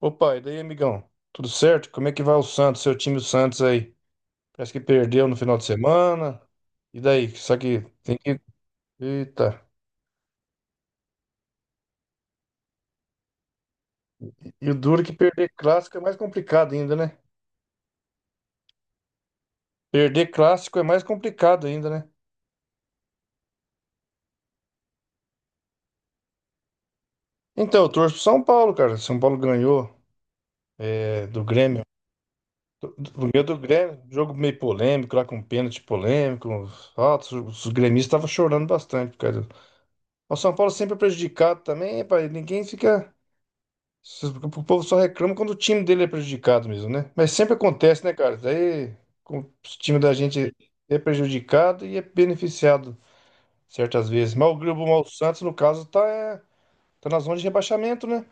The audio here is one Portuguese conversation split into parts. Opa, e daí, amigão? Tudo certo? Como é que vai o Santos, seu time, o Santos aí? Parece que perdeu no final de semana. E daí? Só que tem que. Eita. E o duro é que perder clássico é mais complicado ainda, né? Perder clássico é mais complicado ainda, né? Então, eu torço pro São Paulo, cara. São Paulo ganhou do Grêmio. Ganhou do Grêmio. Jogo meio polêmico, lá com pênalti polêmico. Faltas. Os gremistas estavam chorando bastante, cara. O São Paulo sempre é prejudicado também, pai. Ninguém fica. O povo só reclama quando o time dele é prejudicado mesmo, né? Mas sempre acontece, né, cara? Daí o time da gente é prejudicado e é beneficiado certas vezes. Mas o Grupo Mal o Santos, no caso, tá, tá na zona de rebaixamento, né?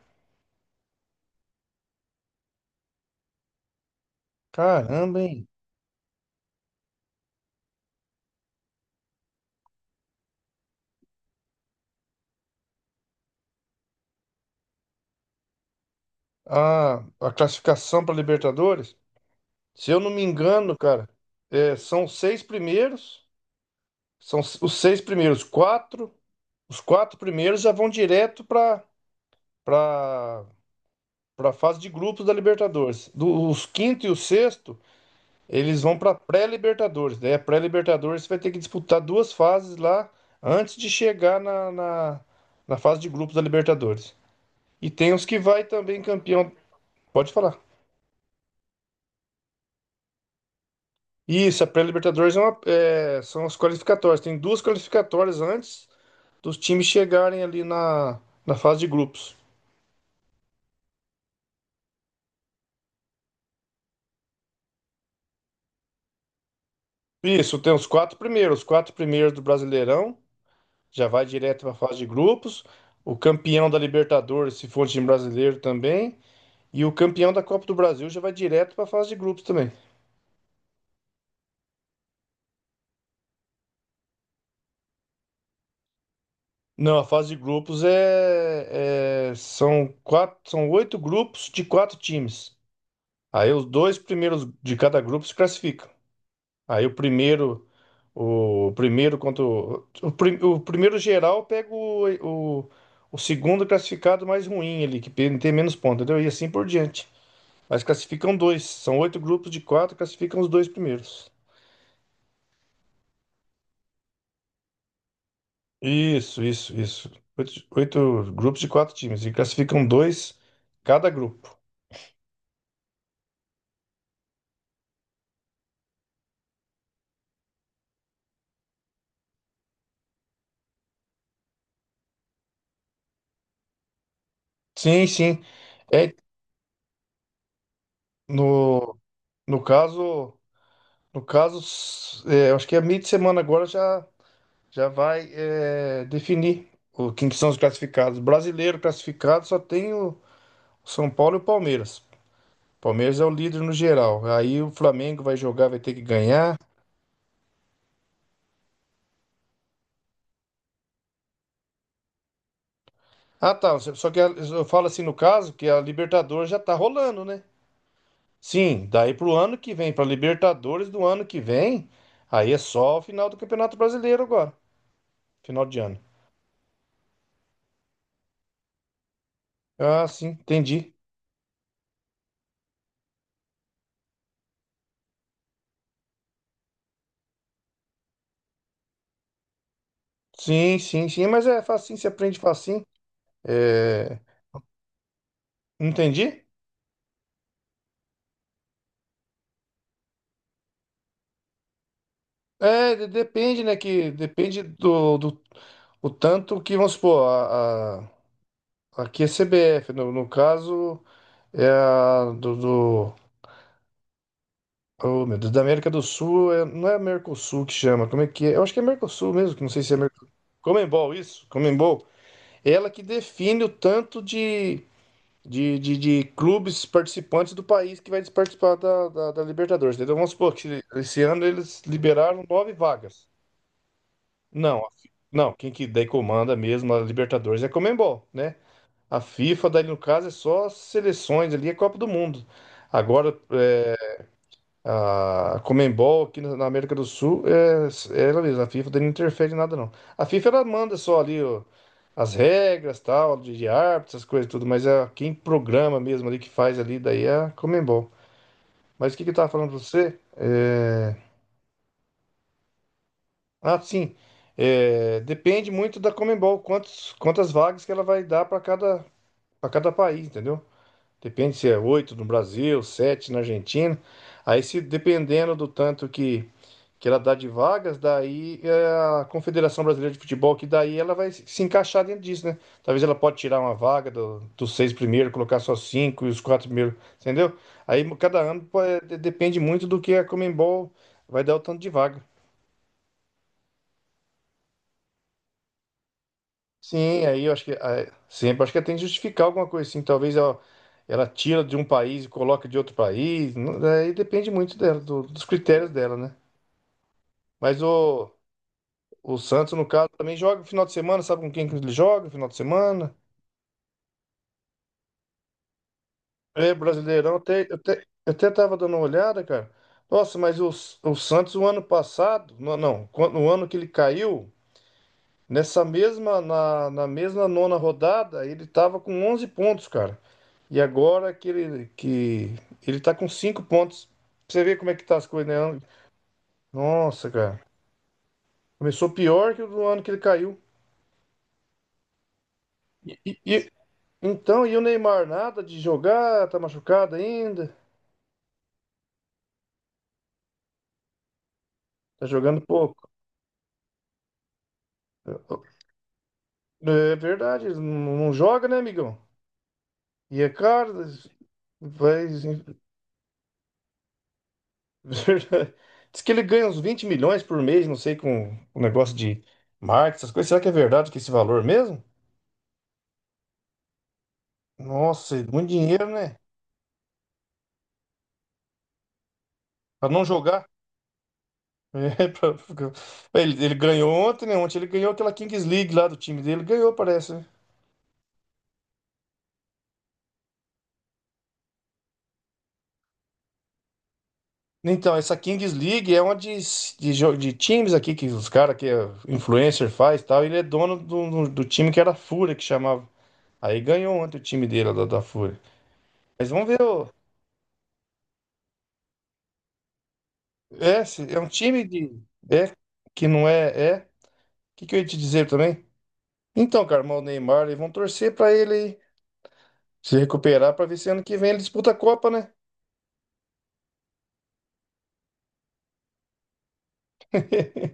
Caramba, hein? A classificação para Libertadores, se eu não me engano, cara, são os seis primeiros, são os seis primeiros, quatro, os quatro primeiros já vão direto para a fase de grupos da Libertadores. Os quinto e o sexto, eles vão para pré-Libertadores. Daí a pré-Libertadores vai ter que disputar duas fases lá antes de chegar na fase de grupos da Libertadores. E tem os que vai também campeão. Pode falar. Isso, a pré-Libertadores são as qualificatórias. Tem duas qualificatórias antes dos times chegarem ali na fase de grupos. Isso, tem os quatro primeiros. Os quatro primeiros do Brasileirão já vai direto para a fase de grupos. O campeão da Libertadores, se for time brasileiro também, e o campeão da Copa do Brasil já vai direto para a fase de grupos também. Não, a fase de grupos são quatro, são oito grupos de quatro times. Aí os dois primeiros de cada grupo se classificam. Aí o primeiro contra o primeiro geral pega o, o segundo classificado mais ruim ali, que tem menos pontos, entendeu? E assim por diante. Mas classificam dois. São oito grupos de quatro, classificam os dois primeiros. Isso, isso, isso. Oito, oito grupos de quatro times. E classificam dois cada grupo. Sim, sim. É, no, no caso, eu acho que a meio de semana agora já, já vai definir quem que são os classificados. Brasileiro classificado só tem o São Paulo e o Palmeiras. Palmeiras é o líder no geral. Aí o Flamengo vai jogar, vai ter que ganhar. Ah, tá. Só só que eu falo assim no caso que a Libertadores já tá rolando, né? Sim, daí pro ano que vem, pra Libertadores do ano que vem, aí é só o final do Campeonato Brasileiro agora, final de ano. Ah, sim, entendi. Sim, sim, sim, mas é facinho, se aprende facinho. É, entendi? É, depende, né, que depende do o tanto que, vamos supor, a, aqui é CBF, no caso é a do Oh, meu Deus, da América do Sul, não é Mercosul que chama, como é que é? Eu acho que é Mercosul mesmo, que não sei se é Mercosul. Comembol, isso, Comembol. Ela que define o tanto de clubes participantes do país que vai participar da Libertadores, entendeu? Vamos supor que esse ano eles liberaram nove vagas. Não, não, quem que daí comanda mesmo a Libertadores é a Comembol, né? A FIFA, daí no caso, é só as seleções ali, é Copa do Mundo. Agora, a Comembol aqui na na América do Sul é, é ela mesma, a FIFA daí não interfere em nada não. A FIFA ela manda só ali ó, as regras, tal, de árbitros, essas coisas tudo, mas é quem programa mesmo ali que faz ali daí é a Comembol. Mas o que que eu tava falando pra você? É, ah, sim. Depende muito da Comembol, quantas vagas que ela vai dar para cada país, entendeu? Depende se é oito no Brasil, sete na Argentina. Aí, se dependendo do tanto que ela dá de vagas, daí é, a Confederação Brasileira de Futebol, que daí ela vai se encaixar dentro disso, né? Talvez ela pode tirar uma vaga dos seis primeiros, colocar só cinco e os quatro primeiros, entendeu? Aí cada ano pô, é, depende muito do que a Comembol vai dar o tanto de vaga. Sim, aí eu acho que ah, sempre acho que tem que justificar alguma coisa assim. Talvez ela tira de um país e coloca de outro país. Não- aí depende muito dela, dos critérios dela, né? Mas o Santos, no caso, também joga no final de semana, sabe com quem que ele joga no final de semana? É, Brasileirão, até, eu até tava dando uma olhada, cara. Nossa, mas o Santos, o ano passado, não, não, quando- no ano que ele caiu. Nessa mesma, na mesma nona rodada, ele estava com 11 pontos, cara. E agora que ele tá com 5 pontos. Pra Você vê como é que tá as coisas, né? Nossa, cara. Começou pior que o do ano que ele caiu. E, e- e- então, e o Neymar, nada de jogar, tá machucado ainda, tá jogando pouco. É verdade, ele não joga, né, amigão? E é caro, vai, Verdade. Diz que ele ganha uns 20 milhões por mês, não sei, com o negócio de marketing, essas coisas. Será que é verdade que esse valor mesmo? Nossa, é muito dinheiro, né? Pra não jogar. É, pra- pra- ele ganhou ontem, né? Ontem ele ganhou aquela Kings League lá do time dele. Ganhou, parece, né? Então, essa Kings League é uma de times aqui que os caras que é influencer faz e tal. Ele é dono do time que era a Fúria, que chamava. Aí ganhou ontem o time dele lá da Fúria. Mas vamos ver. É, é um time de. É, que não é. É. O que, que eu ia te dizer também? Então, cara, mas o Neymar, eles vão torcer pra ele aí se recuperar pra ver se ano que vem ele disputa a Copa, né?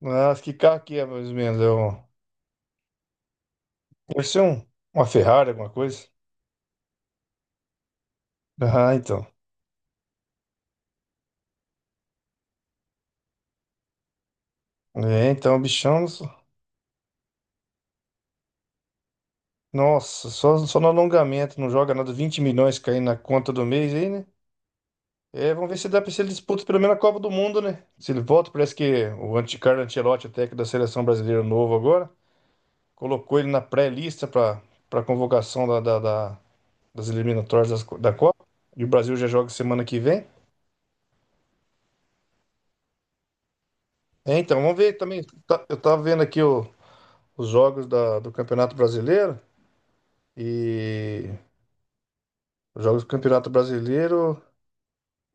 Mas que carro que é, mais ou menos? Deve ser uma Ferrari, alguma coisa. Ah, então. É, então, o bichão. Nossa, só, só no alongamento, não joga nada. 20 milhões caindo na conta do mês aí, né? É, vamos ver se dá pra se ele disputa pelo menos a Copa do Mundo, né? Se ele volta, parece que o Carlo Ancelotti, o técnico da seleção brasileira novo agora. Colocou ele na pré-lista para convocação das eliminatórias das da Copa. E o Brasil já joga semana que vem. É, então, vamos ver também. Eu tava vendo aqui os jogos do Campeonato Brasileiro. E os jogos do Campeonato Brasileiro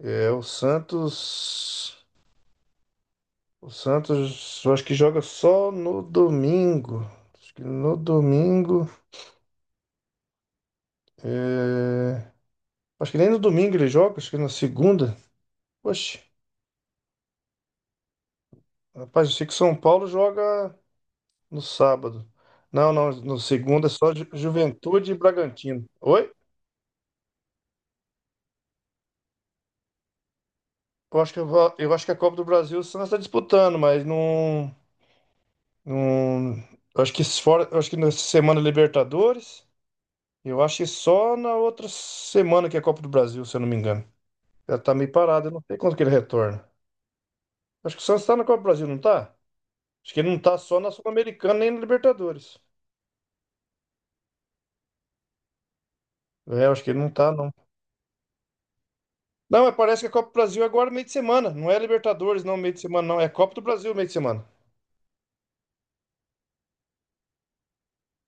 é o Santos. O Santos eu acho que joga só no domingo. Acho que no domingo. é, Acho que nem no domingo ele joga, acho que na segunda. Poxa, rapaz, eu sei que o São Paulo joga no sábado. Não, não, no segundo é só Juventude e Bragantino. Oi? Eu acho que, eu acho que a Copa do Brasil o Santos está disputando, mas não, não. Eu acho que fora, eu acho que nessa semana é Libertadores. Eu acho que só na outra semana que é a Copa do Brasil, se eu não me engano. Ela tá meio parada, eu não sei quando que ele retorna. Acho que o Santos tá na Copa do Brasil, não tá? Acho que ele não tá só na Sul-Americana nem na Libertadores. É, eu acho que ele não tá, não. Não, mas parece que a Copa do Brasil é agora meio de semana. Não é Libertadores, não, meio de semana, não. É a Copa do Brasil meio de semana.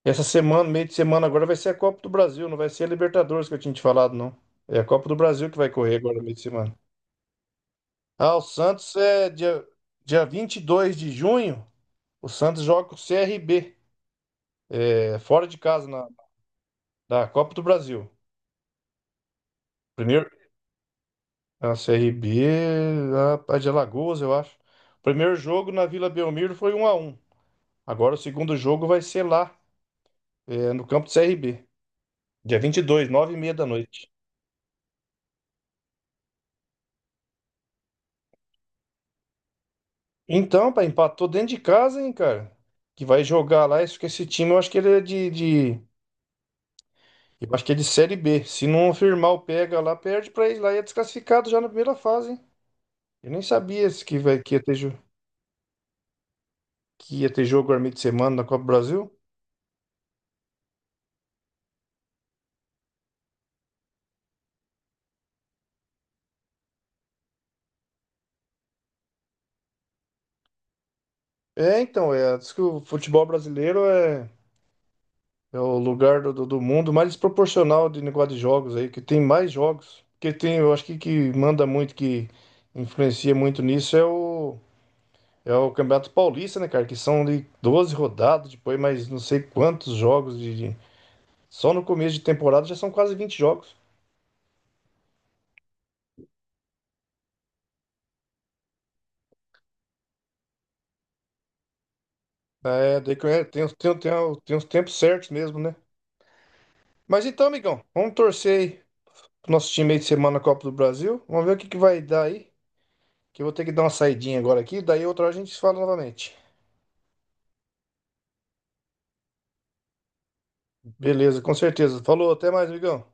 Essa semana, meio de semana, agora vai ser a Copa do Brasil, não vai ser a Libertadores que eu tinha te falado, não. É a Copa do Brasil que vai correr agora meio de semana. Ah, o Santos é dia 22 de junho. O Santos joga com o CRB, é, fora de casa, na, da Copa do Brasil. Primeiro, a CRB, a de Alagoas, eu acho. Primeiro jogo na Vila Belmiro foi 1 a 1. Agora o segundo jogo vai ser lá. É, no campo do CRB dia 22 9h30 da noite. Então, pai, empatou dentro de casa, hein, cara? Que vai jogar lá. Isso que esse time, eu acho que ele é eu acho que é de Série B. Se não firmar o pega lá, perde pra ele lá e é desclassificado já na primeira fase, hein? Eu nem sabia esse que ia ter jogo no meio de semana na Copa do Brasil. É, então, é, diz que o futebol brasileiro é. É o lugar do mundo mais desproporcional de negócio de jogos aí, que tem mais jogos. Que tem, eu acho que manda muito, que influencia muito nisso é é o Campeonato Paulista, né, cara? Que são de 12 rodadas, depois mais não sei quantos jogos Só no começo de temporada já são quase 20 jogos. É, daí que tem uns tempos certos mesmo, né? Mas então, amigão, vamos torcer aí pro nosso time aí de semana na Copa do Brasil. Vamos ver o que, que vai dar aí. Que eu vou ter que dar uma saidinha agora aqui, daí outra hora a gente se fala novamente. Beleza, com certeza. Falou, até mais, amigão.